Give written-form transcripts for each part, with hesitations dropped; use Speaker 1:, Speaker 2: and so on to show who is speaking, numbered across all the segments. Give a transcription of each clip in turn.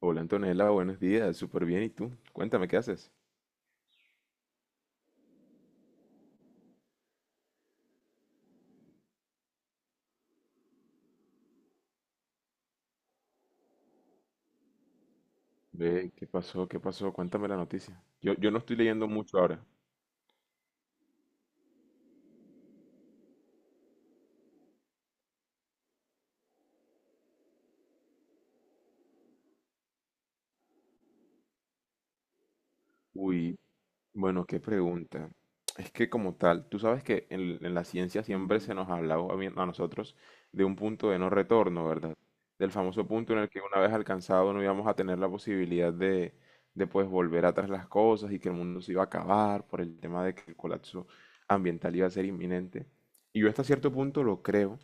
Speaker 1: Hola Antonella, buenos días, súper bien. ¿Y tú? Cuéntame, ¿qué haces? Ve, ¿qué pasó? ¿Qué pasó? Cuéntame la noticia. Yo no estoy leyendo mucho ahora. Uy, Bueno, qué pregunta. Es que como tal, tú sabes que en la ciencia siempre se nos ha hablado a, a nosotros de un punto de no retorno, ¿verdad? Del famoso punto en el que una vez alcanzado no íbamos a tener la posibilidad de pues volver atrás las cosas y que el mundo se iba a acabar por el tema de que el colapso ambiental iba a ser inminente. Y yo hasta cierto punto lo creo,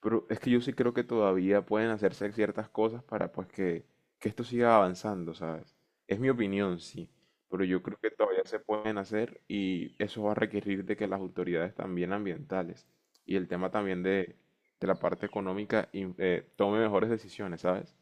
Speaker 1: pero es que yo sí creo que todavía pueden hacerse ciertas cosas para pues que esto siga avanzando, ¿sabes? Es mi opinión, sí, pero yo creo que todavía se pueden hacer y eso va a requerir de que las autoridades también ambientales y el tema también de la parte económica tome mejores decisiones, ¿sabes?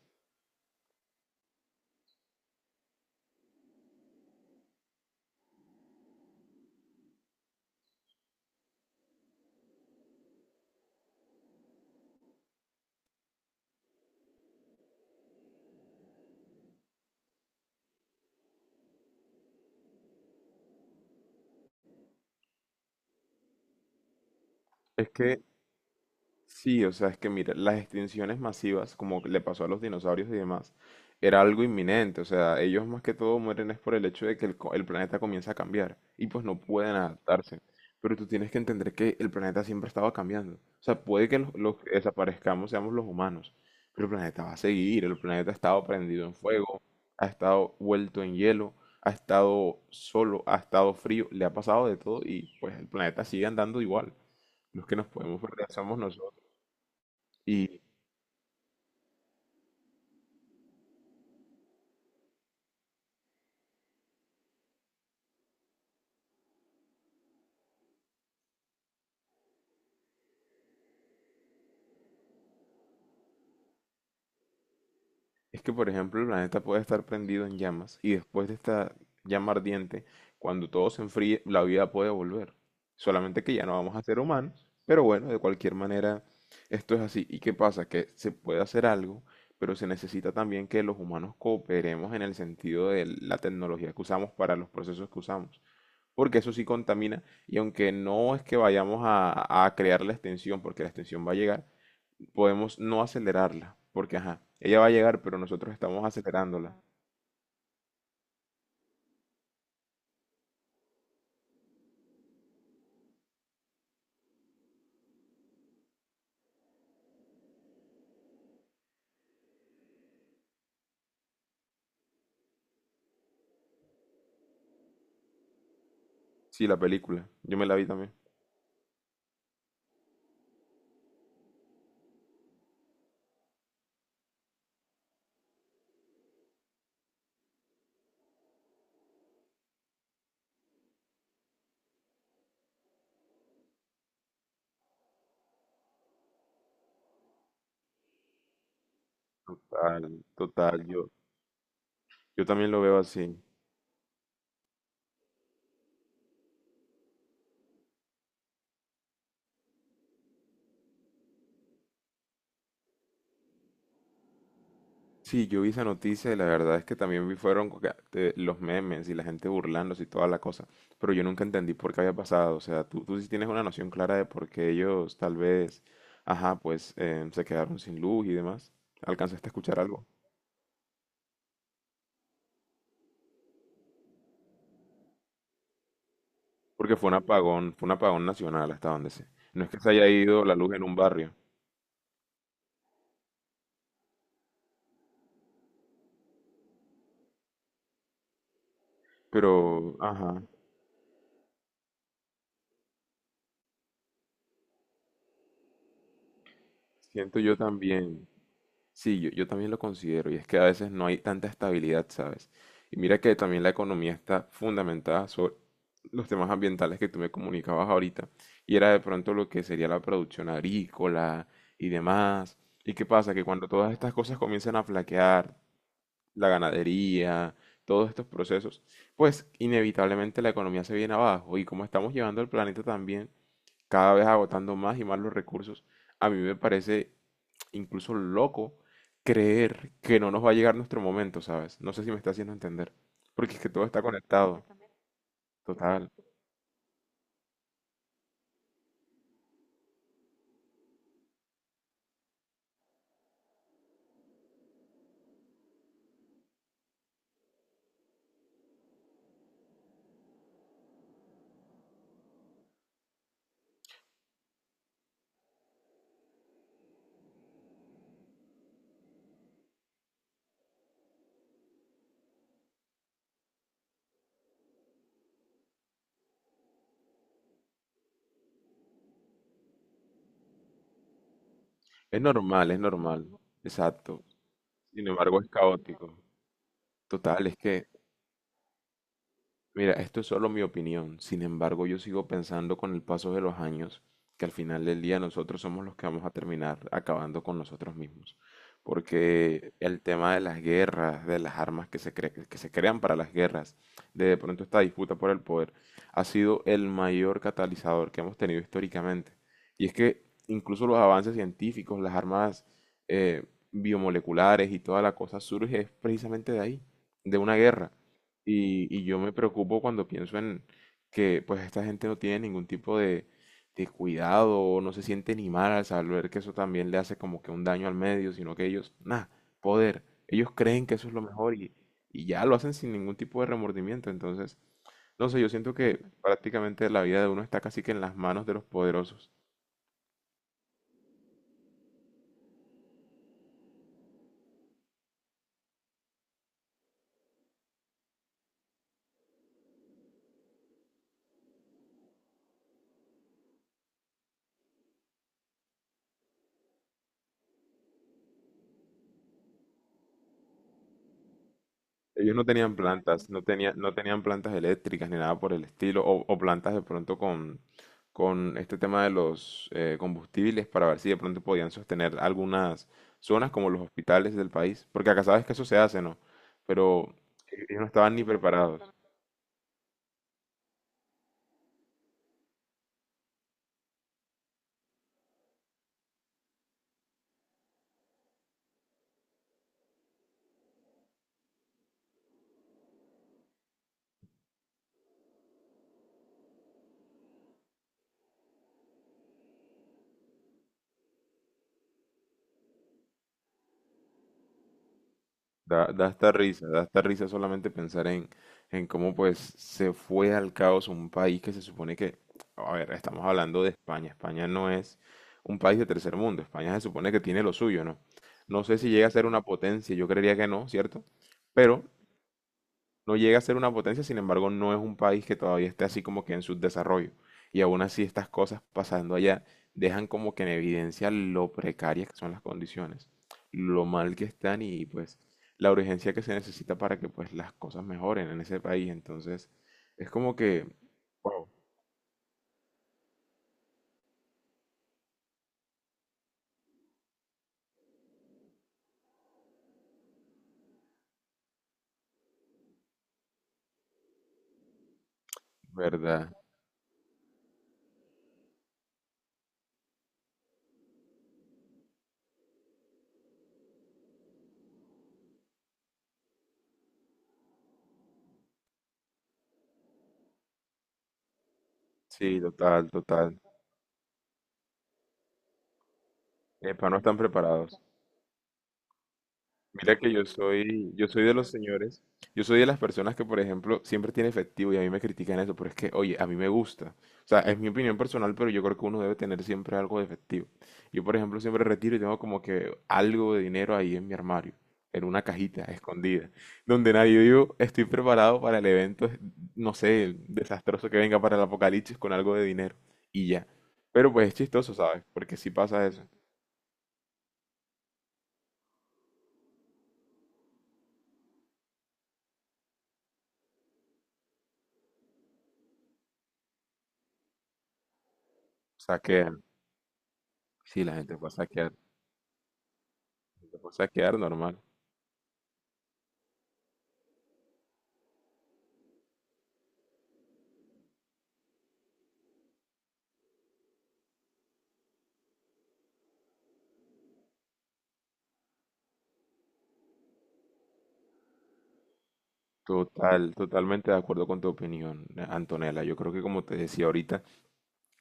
Speaker 1: Es que sí, o sea, es que mira, las extinciones masivas, como le pasó a los dinosaurios y demás, era algo inminente. O sea, ellos más que todo mueren es por el hecho de que el planeta comienza a cambiar y pues no pueden adaptarse. Pero tú tienes que entender que el planeta siempre estaba cambiando. O sea, puede que los que desaparezcamos seamos los humanos, pero el planeta va a seguir. El planeta ha estado prendido en fuego, ha estado vuelto en hielo, ha estado solo, ha estado frío, le ha pasado de todo y pues el planeta sigue andando igual. Los que nos podemos perder somos nosotros. Y es que, por ejemplo, el planeta puede estar prendido en llamas y después de esta llama ardiente, cuando todo se enfríe, la vida puede volver. Solamente que ya no vamos a ser humanos, pero bueno, de cualquier manera, esto es así. ¿Y qué pasa? Que se puede hacer algo, pero se necesita también que los humanos cooperemos en el sentido de la tecnología que usamos para los procesos que usamos. Porque eso sí contamina y aunque no es que vayamos a crear la extensión, porque la extensión va a llegar, podemos no acelerarla, porque ajá, ella va a llegar, pero nosotros estamos acelerándola. Sí, la película, yo me la vi también. Total, total, yo también lo veo así. Sí, yo vi esa noticia y la verdad es que también vi fueron que, los memes y la gente burlándose y toda la cosa, pero yo nunca entendí por qué había pasado. O sea, tú sí tienes una noción clara de por qué ellos tal vez, ajá, pues se quedaron sin luz y demás. ¿Alcanzaste a escuchar algo? Porque fue un apagón nacional hasta donde sé. No es que se haya ido la luz en un barrio. Pero, ajá, siento yo también, sí, yo también lo considero, y es que a veces no hay tanta estabilidad, ¿sabes? Y mira que también la economía está fundamentada sobre los temas ambientales que tú me comunicabas ahorita, y era de pronto lo que sería la producción agrícola y demás. ¿Y qué pasa? Que cuando todas estas cosas comienzan a flaquear, la ganadería, todos estos procesos, pues inevitablemente la economía se viene abajo, y como estamos llevando el planeta también, cada vez agotando más y más los recursos. A mí me parece incluso loco creer que no nos va a llegar nuestro momento, ¿sabes? No sé si me está haciendo entender, porque es que todo está conectado, total. Es normal, exacto. Sin embargo, es caótico. Total, es que mira, esto es solo mi opinión. Sin embargo, yo sigo pensando con el paso de los años que al final del día nosotros somos los que vamos a terminar acabando con nosotros mismos. Porque el tema de las guerras, de las armas que que se crean para las guerras, de pronto esta disputa por el poder, ha sido el mayor catalizador que hemos tenido históricamente. Y es que incluso los avances científicos, las armas eh, biomoleculares y toda la cosa surge precisamente de ahí, de una guerra. Y yo me preocupo cuando pienso en que pues esta gente no tiene ningún tipo de cuidado o no se siente ni mal al saber que eso también le hace como que un daño al medio, sino que ellos, nada, poder, ellos creen que eso es lo mejor y ya lo hacen sin ningún tipo de remordimiento. Entonces, no sé, yo siento que prácticamente la vida de uno está casi que en las manos de los poderosos. Ellos no tenían plantas, no tenían plantas eléctricas ni nada por el estilo, o plantas de pronto con este tema de los combustibles para ver si de pronto podían sostener algunas zonas como los hospitales del país, porque acá sabes que eso se hace, ¿no? Pero ellos no estaban ni preparados. Da, da hasta risa solamente pensar en cómo pues se fue al caos un país que se supone que, a ver, estamos hablando de España. España no es un país de tercer mundo. España se supone que tiene lo suyo, ¿no? No sé si llega a ser una potencia, yo creería que no, ¿cierto? Pero no llega a ser una potencia, sin embargo, no es un país que todavía esté así como que en subdesarrollo. Y aún así estas cosas pasando allá dejan como que en evidencia lo precarias que son las condiciones, lo mal que están y pues la urgencia que se necesita para que pues las cosas mejoren en ese país. Entonces, es como que, wow, ¿verdad? Sí, total, total. Epa, no están preparados. Mira que yo soy de los señores, yo soy de las personas que, por ejemplo, siempre tiene efectivo y a mí me critican eso, pero es que, oye, a mí me gusta. O sea, es mi opinión personal, pero yo creo que uno debe tener siempre algo de efectivo. Yo, por ejemplo, siempre retiro y tengo como que algo de dinero ahí en mi armario, en una cajita escondida, donde nadie digo estoy preparado para el evento, no sé, el desastroso que venga para el apocalipsis con algo de dinero y ya. Pero pues es chistoso, ¿sabes? Porque sí pasa eso. O sea que, sí, la gente puede saquear normal. Total, totalmente de acuerdo con tu opinión, Antonella. Yo creo que como te decía ahorita,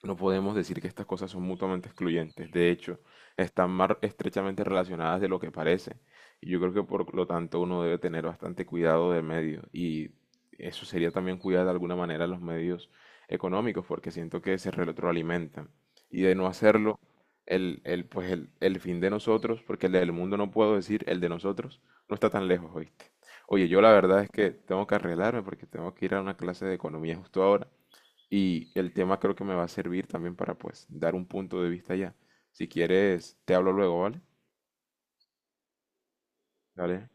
Speaker 1: no podemos decir que estas cosas son mutuamente excluyentes. De hecho, están más estrechamente relacionadas de lo que parece. Y yo creo que por lo tanto uno debe tener bastante cuidado de medios. Y eso sería también cuidar de alguna manera los medios económicos, porque siento que se retroalimentan. Y de no hacerlo, el fin de nosotros, porque el del mundo no puedo decir, el de nosotros, no está tan lejos, ¿oíste? Oye, yo la verdad es que tengo que arreglarme porque tengo que ir a una clase de economía justo ahora. Y el tema creo que me va a servir también para pues dar un punto de vista ya. Si quieres, te hablo luego, ¿vale? Dale.